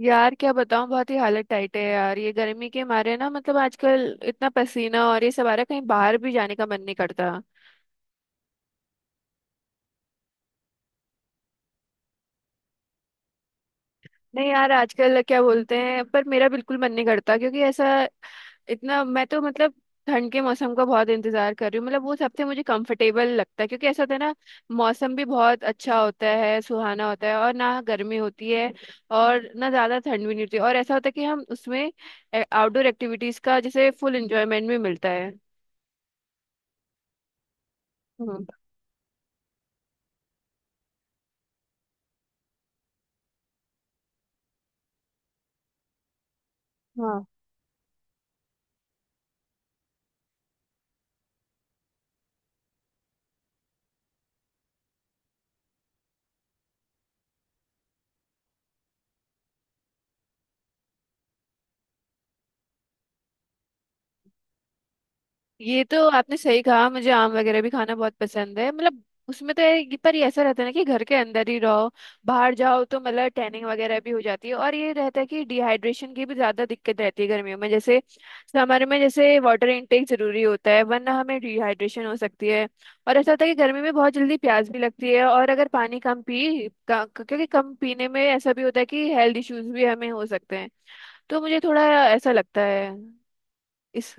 यार क्या बताऊं, बहुत ही हालत टाइट है यार, ये गर्मी के मारे ना मतलब आजकल इतना पसीना और ये सब आ रहा है, कहीं बाहर भी जाने का मन नहीं करता। नहीं यार आजकल क्या बोलते हैं, पर मेरा बिल्कुल मन नहीं करता क्योंकि ऐसा, इतना मैं तो मतलब ठंड के मौसम का बहुत इंतजार कर रही हूँ। मतलब वो सबसे मुझे कंफर्टेबल लगता है क्योंकि ऐसा होता है ना, मौसम भी बहुत अच्छा होता है, सुहाना होता है, और ना गर्मी होती है और ना ज्यादा ठंड भी नहीं होती, और ऐसा होता है कि हम उसमें आउटडोर एक्टिविटीज का जैसे फुल एंजॉयमेंट भी मिलता है। हम्म। हाँ, ये तो आपने सही कहा, मुझे आम वगैरह भी खाना बहुत पसंद है। मतलब उसमें तो ये, पर ये ऐसा रहता है ना कि घर के अंदर ही रहो, बाहर जाओ तो मतलब टैनिंग वगैरह भी हो जाती है, और ये रहता है कि डिहाइड्रेशन की भी ज्यादा दिक्कत रहती है गर्मियों में। जैसे समर में जैसे वाटर इनटेक जरूरी होता है, वरना हमें डिहाइड्रेशन हो सकती है। और ऐसा होता है कि गर्मी में बहुत जल्दी प्यास भी लगती है, और अगर पानी कम पी का- क्योंकि कम पीने में ऐसा भी होता है कि हेल्थ इश्यूज भी हमें हो सकते हैं। तो मुझे थोड़ा ऐसा लगता है। इस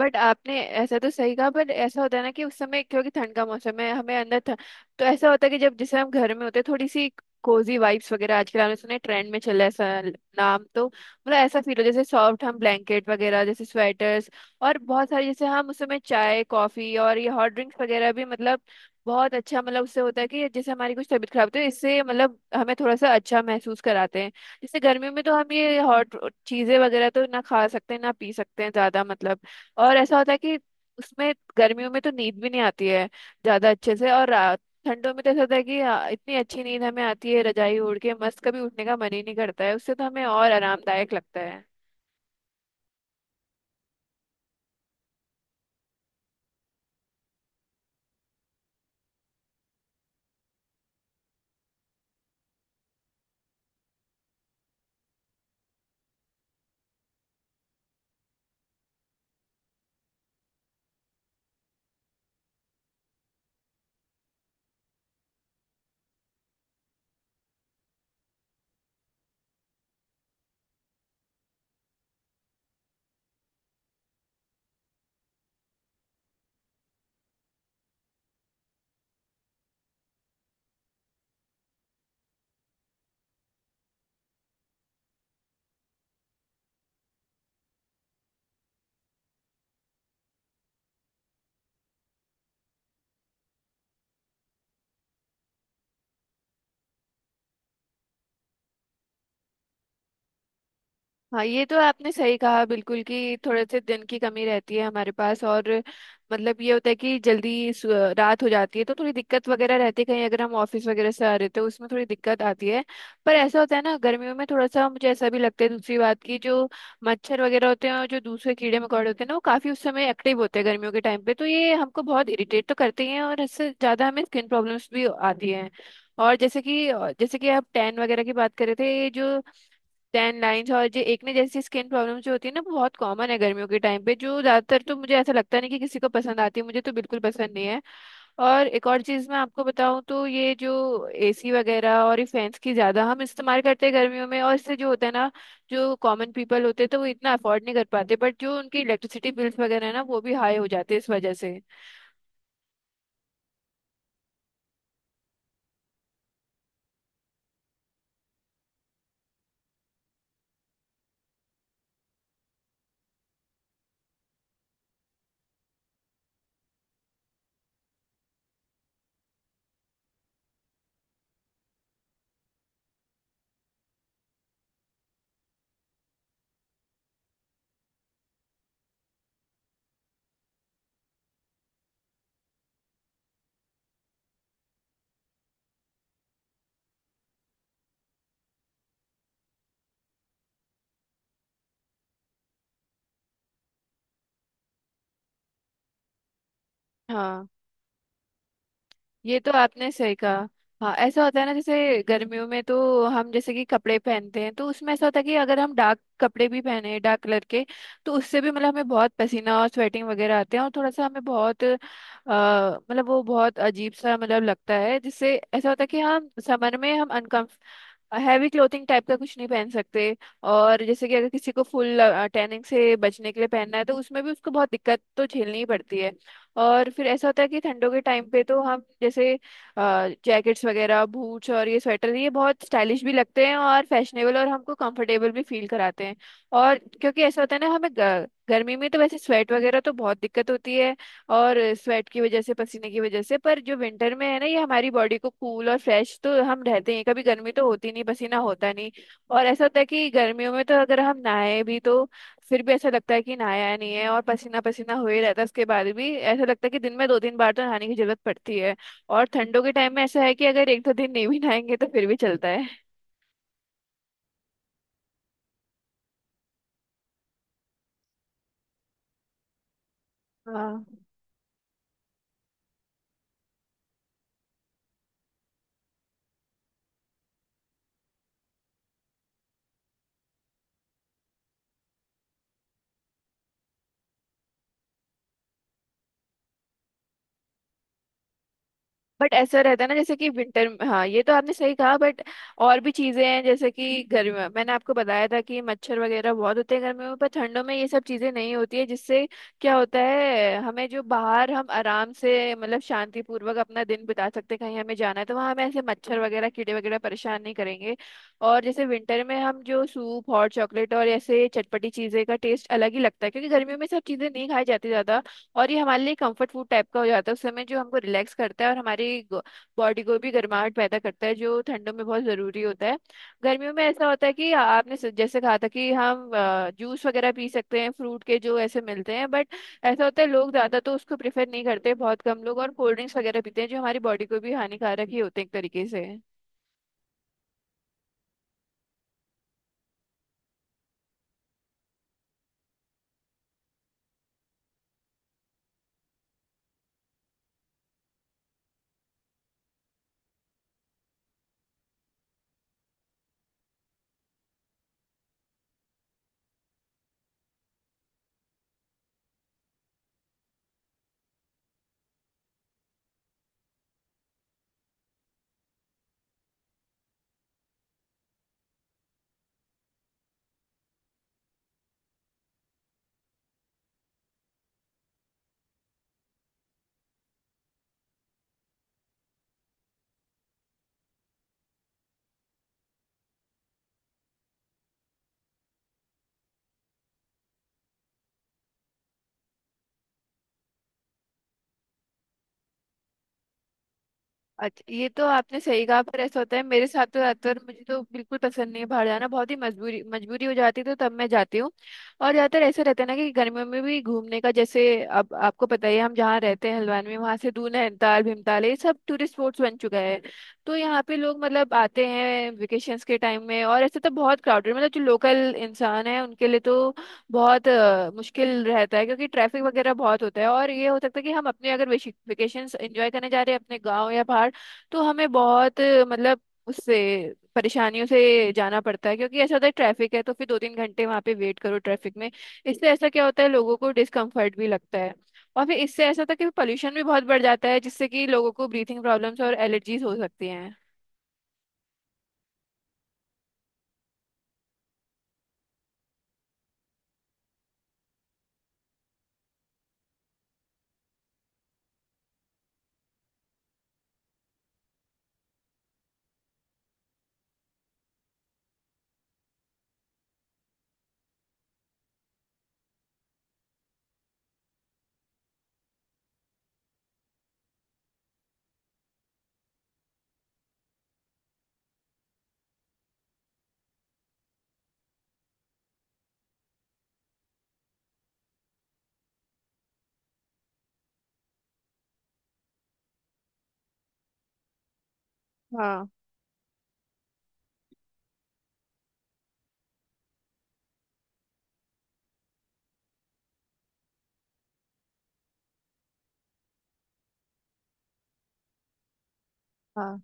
बट आपने ऐसा तो सही कहा, बट ऐसा होता है ना कि उस समय क्योंकि ठंड का मौसम है हमें अंदर था। तो ऐसा होता है कि जब जैसे हम घर में होते हैं, थोड़ी सी कोजी वाइब्स वगैरह आजकल हमने सुने ट्रेंड में चला है, ऐसा नाम तो मतलब, ऐसा फील हो जैसे सॉफ्ट हम ब्लैंकेट वगैरह, जैसे स्वेटर्स। और बहुत सारे जैसे हम उस समय चाय कॉफी और ये हॉट ड्रिंक्स वगैरह भी मतलब, बहुत अच्छा मतलब उससे होता है कि जैसे हमारी कुछ तबीयत खराब होती है, इससे मतलब हमें थोड़ा सा अच्छा महसूस कराते हैं। जैसे गर्मियों में तो हम ये हॉट चीजें वगैरह तो ना खा सकते हैं ना पी सकते हैं ज्यादा, मतलब। और ऐसा होता है कि उसमें गर्मियों में तो नींद भी नहीं आती है ज्यादा अच्छे से, और रात, ठंडों में तो ऐसा होता है कि इतनी अच्छी नींद हमें आती है, रजाई ओढ़ के मस्त कभी उठने का मन ही नहीं करता है, उससे तो हमें और आरामदायक लगता है। हाँ, ये तो आपने सही कहा, बिल्कुल, कि थोड़े से दिन की कमी रहती है हमारे पास, और मतलब ये होता है कि रात हो जाती है, तो थोड़ी दिक्कत वगैरह रहती है, कहीं अगर हम ऑफिस वगैरह से आ रहे तो उसमें थोड़ी दिक्कत आती है। पर ऐसा होता है ना, गर्मियों में थोड़ा सा मुझे ऐसा भी लगता है, दूसरी बात, की जो मच्छर वगैरह होते हैं और जो दूसरे कीड़े मकोड़े होते हैं ना, वो काफी उस समय एक्टिव होते हैं गर्मियों के टाइम पे, तो ये हमको बहुत इरिटेट तो करते ही हैं और इससे ज्यादा हमें स्किन प्रॉब्लम्स भी आती हैं। और जैसे कि आप टैन वगैरह की बात कर रहे थे, ये जो टेन लाइन्स और ये एकने जैसी स्किन प्रॉब्लम जो होती है ना, वो बहुत कॉमन है गर्मियों के टाइम पे, जो ज्यादातर तो मुझे ऐसा लगता नहीं कि किसी को पसंद आती है, मुझे तो बिल्कुल पसंद नहीं है। और एक और चीज मैं आपको बताऊं तो ये जो एसी वगैरह और ये फैंस की ज्यादा हम इस्तेमाल करते हैं गर्मियों में, और इससे जो होता है ना, जो कॉमन पीपल होते हैं तो वो इतना अफोर्ड नहीं कर पाते, बट जो उनकी इलेक्ट्रिसिटी बिल्स वगैरह है ना वो भी हाई हो जाते हैं इस वजह से। हाँ, ये तो आपने सही कहा। हाँ, ऐसा होता है ना, जैसे गर्मियों में तो हम जैसे कि कपड़े पहनते हैं तो उसमें ऐसा होता है कि अगर हम डार्क कपड़े भी पहने, डार्क कलर के, तो उससे भी मतलब हमें बहुत पसीना और स्वेटिंग वगैरह आते हैं, और थोड़ा सा हमें बहुत मतलब वो बहुत अजीब सा मतलब लगता है, जिससे ऐसा होता है कि हम समर में हम हैवी क्लोथिंग टाइप का कुछ नहीं पहन सकते। और जैसे कि अगर किसी को फुल टैनिंग से बचने के लिए पहनना है, तो उसमें भी उसको बहुत दिक्कत तो झेलनी ही पड़ती है। और फिर ऐसा होता है कि ठंडों के टाइम पे तो हम जैसे जैकेट्स वगैरह, बूट्स, और ये स्वेटर, ये बहुत स्टाइलिश भी लगते हैं और फैशनेबल, और हमको कंफर्टेबल भी फील कराते हैं। और क्योंकि ऐसा होता है ना हमें गर्मी में तो वैसे स्वेट वगैरह तो बहुत दिक्कत होती है, और स्वेट की वजह से, पसीने की वजह से, पर जो विंटर में है ना, ये हमारी बॉडी को कूल और फ्रेश तो हम रहते हैं, कभी गर्मी तो होती नहीं, पसीना होता नहीं। और ऐसा होता है कि गर्मियों में तो अगर हम नहाए भी तो फिर भी ऐसा लगता है कि नहाया नहीं है, और पसीना पसीना हो ही रहता है उसके बाद भी, ऐसा लगता है कि दिन में दो तीन बार तो नहाने की जरूरत पड़ती है। और ठंडों के टाइम में ऐसा है कि अगर एक दो दिन नहीं भी नहाएंगे तो फिर भी चलता है। हाँ। बट ऐसा रहता है ना जैसे कि विंटर, हाँ ये तो आपने सही कहा, बट और भी चीजें हैं, जैसे कि गर्मी, मैंने आपको बताया था कि मच्छर वगैरह बहुत होते हैं गर्मियों में, पर ठंडों में ये सब चीजें नहीं होती है, जिससे क्या होता है हमें, जो बाहर हम आराम से मतलब शांतिपूर्वक अपना दिन बिता सकते हैं, कहीं हमें जाना है तो वहाँ हमें ऐसे मच्छर वगैरह कीड़े वगैरह परेशान नहीं करेंगे। और जैसे विंटर में हम जो सूप, हॉट चॉकलेट और ऐसे चटपटी चीजें का टेस्ट अलग ही लगता है, क्योंकि गर्मियों में सब चीजें नहीं खाई जाती ज्यादा, और ये हमारे लिए कंफर्ट फूड टाइप का हो जाता है उस समय, जो हमको रिलैक्स करता है, और हमारी बॉडी को भी गर्माहट पैदा करता है जो ठंडों में बहुत ज़रूरी होता है। गर्मियों में ऐसा होता है कि आपने जैसे कहा था कि हम जूस वगैरह पी सकते हैं फ्रूट के, जो ऐसे मिलते हैं, बट ऐसा होता है लोग ज़्यादा तो उसको प्रेफर नहीं करते, बहुत कम लोग, और कोल्ड ड्रिंक्स वगैरह पीते हैं जो हमारी बॉडी को भी हानिकारक ही होते हैं एक तरीके से। अच्छा, ये तो आपने सही कहा, पर ऐसा होता है मेरे साथ तो, ज्यादातर मुझे तो बिल्कुल पसंद नहीं है बाहर जाना, बहुत ही मजबूरी मजबूरी हो जाती है तो तब मैं जाती हूँ। और ज्यादातर ऐसा रहता है ना, कि गर्मियों में भी घूमने का, जैसे अब आपको पता ही है, हम जहाँ रहते हैं हल्द्वानी में, वहाँ से दून है, नैनीताल, भीमताल, ये सब टूरिस्ट स्पॉट्स बन चुका है। तो यहाँ पे लोग मतलब आते हैं वेकेशंस के टाइम में, और ऐसे तो बहुत क्राउडेड, मतलब जो लोकल इंसान है उनके लिए तो बहुत मुश्किल रहता है, क्योंकि ट्रैफिक वगैरह बहुत होता है, और ये हो सकता है कि हम अपने अगर वेकेशंस एंजॉय करने जा रहे हैं अपने गाँव या बाहर, तो हमें बहुत मतलब उससे परेशानियों से जाना पड़ता है, क्योंकि ऐसा होता है ट्रैफिक है तो फिर दो तीन घंटे वहां पे वेट करो ट्रैफिक में। इससे ऐसा क्या होता है, लोगों को डिस्कम्फर्ट भी लगता है, और फिर इससे ऐसा होता है कि पोल्यूशन भी बहुत बढ़ जाता है, जिससे कि लोगों को ब्रीथिंग प्रॉब्लम्स और एलर्जीज हो सकती हैं। हाँ। हाँ,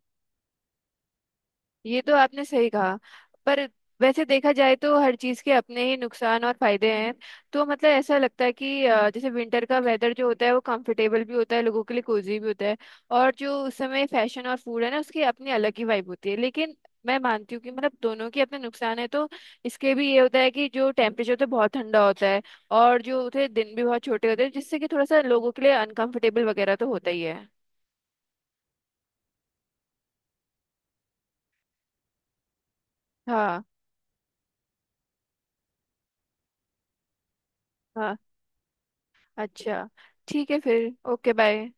ये तो आपने सही कहा, पर वैसे देखा जाए तो हर चीज़ के अपने ही नुकसान और फायदे हैं। तो मतलब ऐसा लगता है कि जैसे विंटर का वेदर जो होता है वो कंफर्टेबल भी होता है लोगों के लिए, कोजी भी होता है, और जो उस समय फैशन और फूड है ना उसकी अपनी अलग ही वाइब होती है, लेकिन मैं मानती हूँ कि मतलब दोनों के अपने नुकसान है, तो इसके भी ये होता है कि जो टेम्परेचर होता है बहुत ठंडा होता है, और जो होते हैं दिन भी बहुत छोटे होते हैं, जिससे कि थोड़ा सा लोगों के लिए अनकंफर्टेबल वगैरह तो होता ही है। हाँ। हाँ। अच्छा। ठीक है फिर। Okay bye.